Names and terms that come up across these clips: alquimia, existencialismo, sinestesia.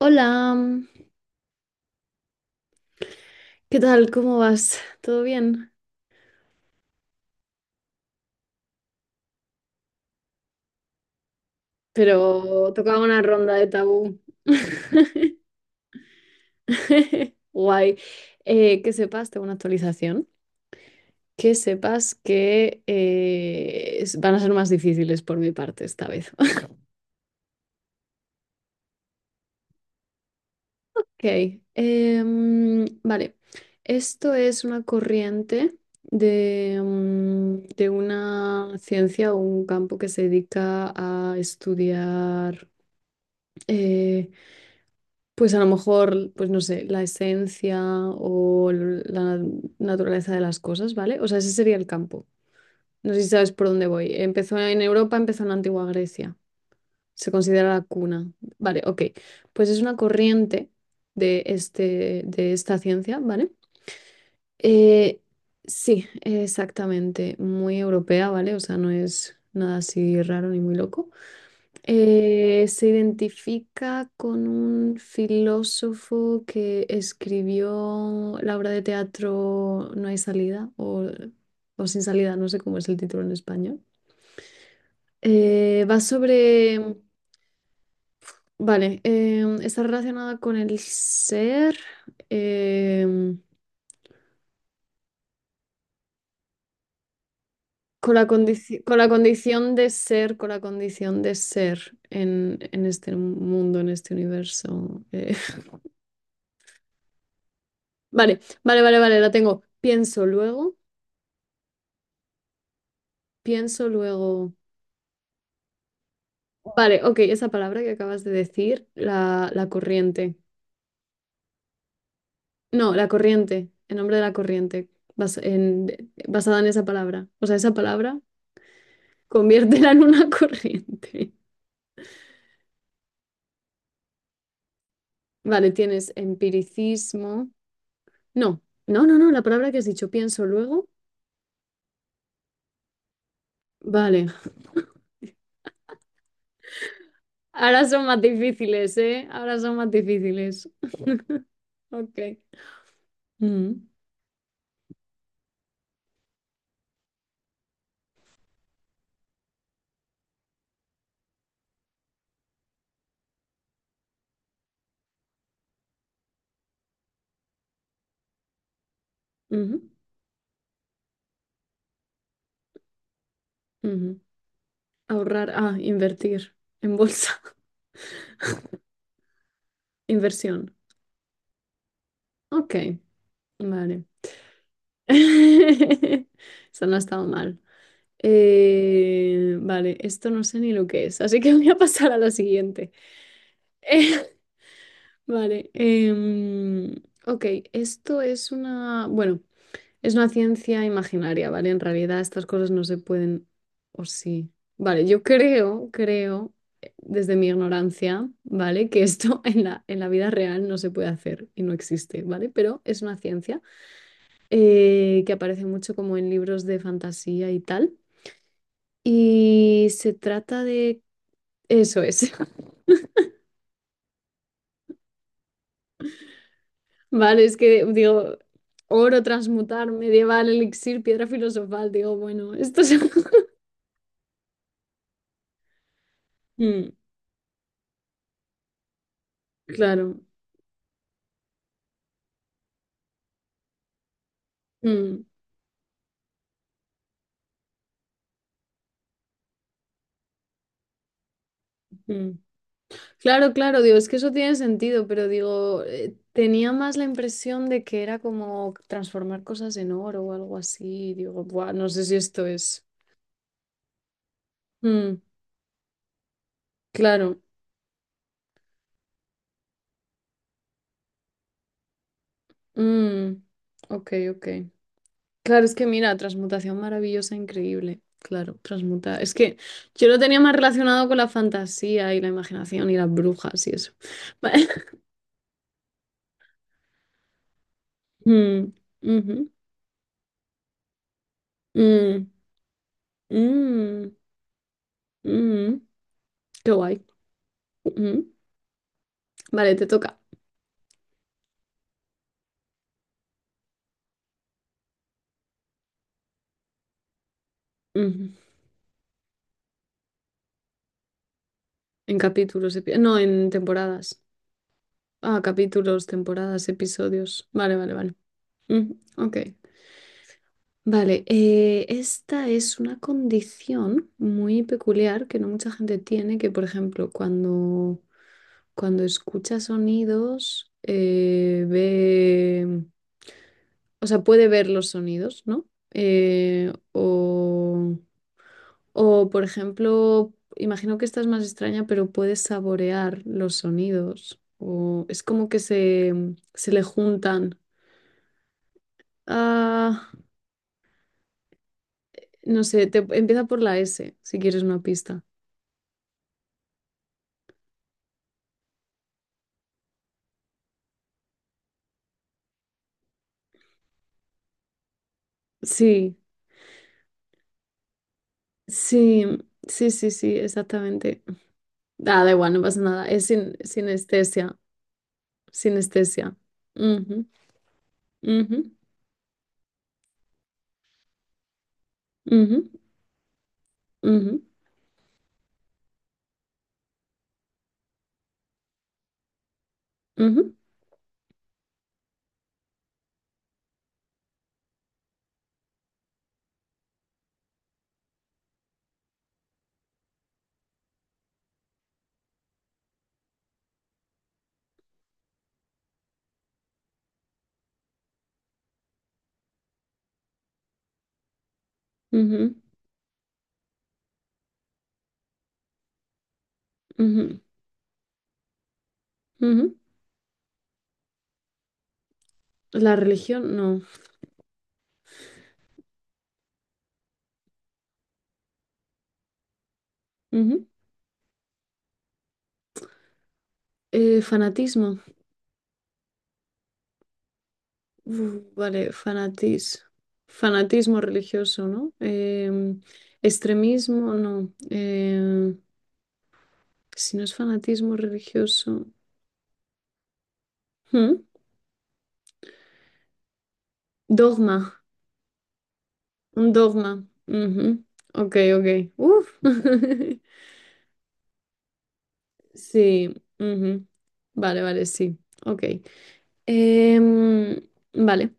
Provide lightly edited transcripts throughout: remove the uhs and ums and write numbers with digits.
Hola, ¿qué tal? ¿Cómo vas? ¿Todo bien? Pero tocaba una ronda de tabú. Guay. Que sepas, tengo una actualización. Que sepas que van a ser más difíciles por mi parte esta vez. Ok. Vale. Esto es una corriente de una ciencia o un campo que se dedica a estudiar. eh, Pues a lo mejor, pues no sé, la esencia o la naturaleza de las cosas, ¿vale? O sea, ese sería el campo. No sé si sabes por dónde voy. Empezó en Europa, empezó en la antigua Grecia. Se considera la cuna. Vale, ok. Pues es una corriente de esta ciencia, ¿vale? Eh, sí, exactamente. Muy europea, ¿vale? O sea, no es nada así raro ni muy loco. Se identifica con un filósofo que escribió la obra de teatro No hay salida o Sin salida, no sé cómo es el título en español. Eh, va sobre, vale, está relacionada con el ser, em, con la con la condición de ser, con la condición de ser en este mundo, en este universo. Vale, vale, la tengo. Pienso luego. Pienso luego. Vale, ok, esa palabra que acabas de decir, la corriente. No, la corriente, el nombre de la corriente, basada en esa palabra. O sea, esa palabra, conviértela en una corriente. Vale, tienes empiricismo. No, no, la palabra que has dicho, pienso luego. Vale, ahora son más difíciles, ¿eh? Ahora son más difíciles. Ok. Mm, ujú, ujú. Ahorrar, ah, invertir en bolsa, inversión. Ok. Vale. Eso no ha estado mal. Vale, esto no sé ni lo que es, así que voy a pasar a la siguiente. Vale. Ok, esto es una, bueno, es una ciencia imaginaria, ¿vale? En realidad estas cosas no se pueden, o sí. Vale, yo creo, creo, desde mi ignorancia, ¿vale? Que esto en en la vida real no se puede hacer y no existe, ¿vale? Pero es una ciencia. Que aparece mucho como en libros de fantasía y tal. Y se trata de... Eso es. Vale, es que digo, oro transmutar, medieval, elixir, piedra filosofal. Digo, bueno, esto es... Mm, claro. Mm, mm. Claro, claro, digo, es que eso tiene sentido, pero digo, tenía más la impresión de que era como transformar cosas en oro o algo así. Digo, "Buah, no sé si esto es... Mm, claro. Mm, ok, ok. Claro, es que mira, transmutación maravillosa, increíble. Claro, transmuta. Es que yo lo tenía más relacionado con la fantasía y la imaginación y las brujas y eso. Vale. Mm, ujú, mm, mm, mm, qué guay. Ujú. Vale, te toca. Ujú. En capítulos, no, en temporadas. Ah, capítulos, temporadas, episodios. Vale, vale, vale. Ujú, ok. Vale, esta es una condición muy peculiar que no mucha gente tiene, que por ejemplo cuando escucha sonidos, ve, o sea, puede ver los sonidos, ¿no? Eh, o, o por ejemplo, imagino que esta es más extraña, pero puede saborear los sonidos, o es como que se le juntan. Ah, no sé, te, empieza por la S, si quieres una pista. Sí. Sí, sí, exactamente. Ah, da igual, no pasa nada. Es sin, sinestesia, sinestesia. Ujú, ujú, ujú, ujú, ujú, ujú, ujú, ujú. La religión, no. Ujú. Fanatismo. Uf, vale, fanatismo religioso, ¿no? Extremismo, no. Si no es fanatismo religioso. ¿Mm? Dogma. Un dogma. Ujú. Ok, ok. Uf. Sí. Ujú. Vale, vale, sí. Ok. Em, vale.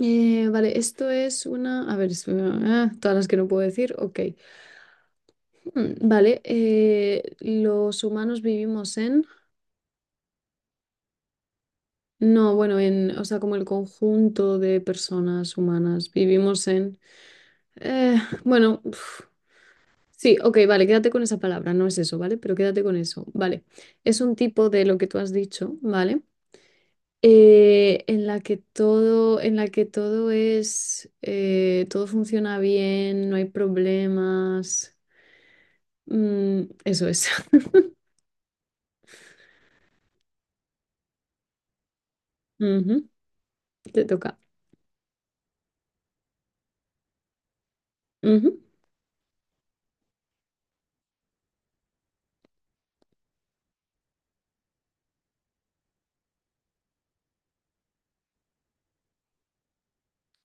Vale, esto es una... A ver, todas las que no puedo decir. Ok. Mm, vale. Los humanos vivimos en... No, bueno, en... O sea, como el conjunto de personas humanas. Vivimos en... eh, bueno, Sí, ok, vale, quédate con esa palabra, no es eso, ¿vale? Pero quédate con eso, ¿vale? Es un tipo de lo que tú has dicho, ¿vale? En la que todo, en la que todo es, todo funciona bien, no hay problemas. Mm, eso es. Ujú, te toca. Ujú.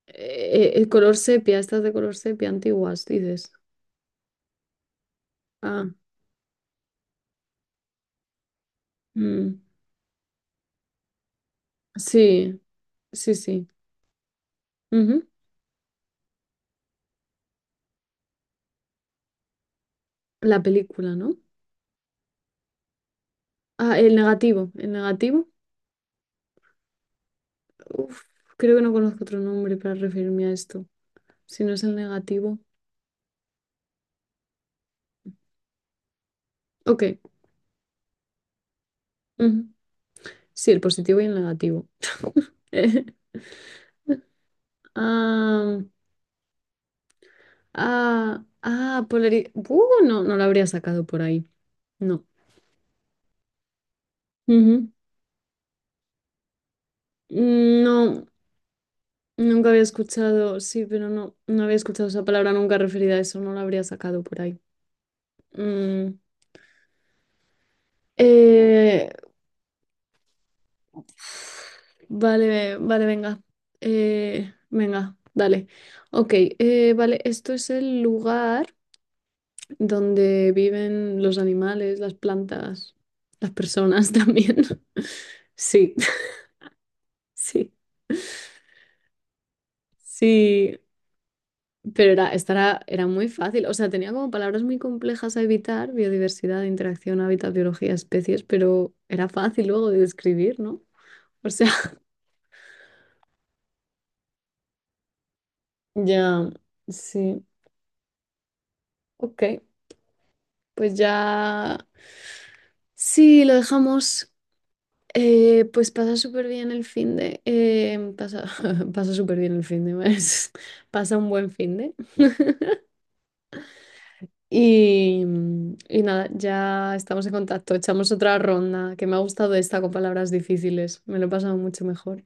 El color sepia, estas de color sepia antiguas, dices. Ah, mm, sí, sí, sí. Ujú. La película, ¿no? Ah, el negativo, el negativo. Uf, creo que no conozco otro nombre para referirme a esto. Si no es el negativo. Ok. Ujú. Sí, el positivo y el negativo. Ah, no, no lo habría sacado por ahí. No. Ujú. Mm, no, nunca había escuchado. Sí, pero no, no había escuchado esa palabra nunca referida a eso. No la habría sacado por ahí. Mm, eh, Vale, vale, venga. Venga, dale. Ok, vale, esto es el lugar donde viven los animales, las plantas, las personas también. Sí, sí, sí. Pero era, esta era, era muy fácil. O sea, tenía como palabras muy complejas a evitar, biodiversidad, interacción, hábitat, biología, especies, pero era fácil luego de describir, ¿no? O sea, ya, sí. Ok, pues ya, sí, lo dejamos. Pues pasa súper bien el fin de... pasa pasa súper bien el fin de mes. Pasa un buen fin de... Y, y nada, ya estamos en contacto. Echamos otra ronda, que me ha gustado esta con palabras difíciles. Me lo he pasado mucho mejor.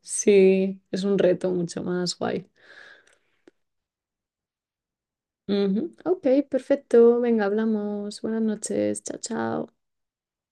Sí, es un reto mucho más guay. Ujú, ok, perfecto. Venga, hablamos. Buenas noches. Chao, chao.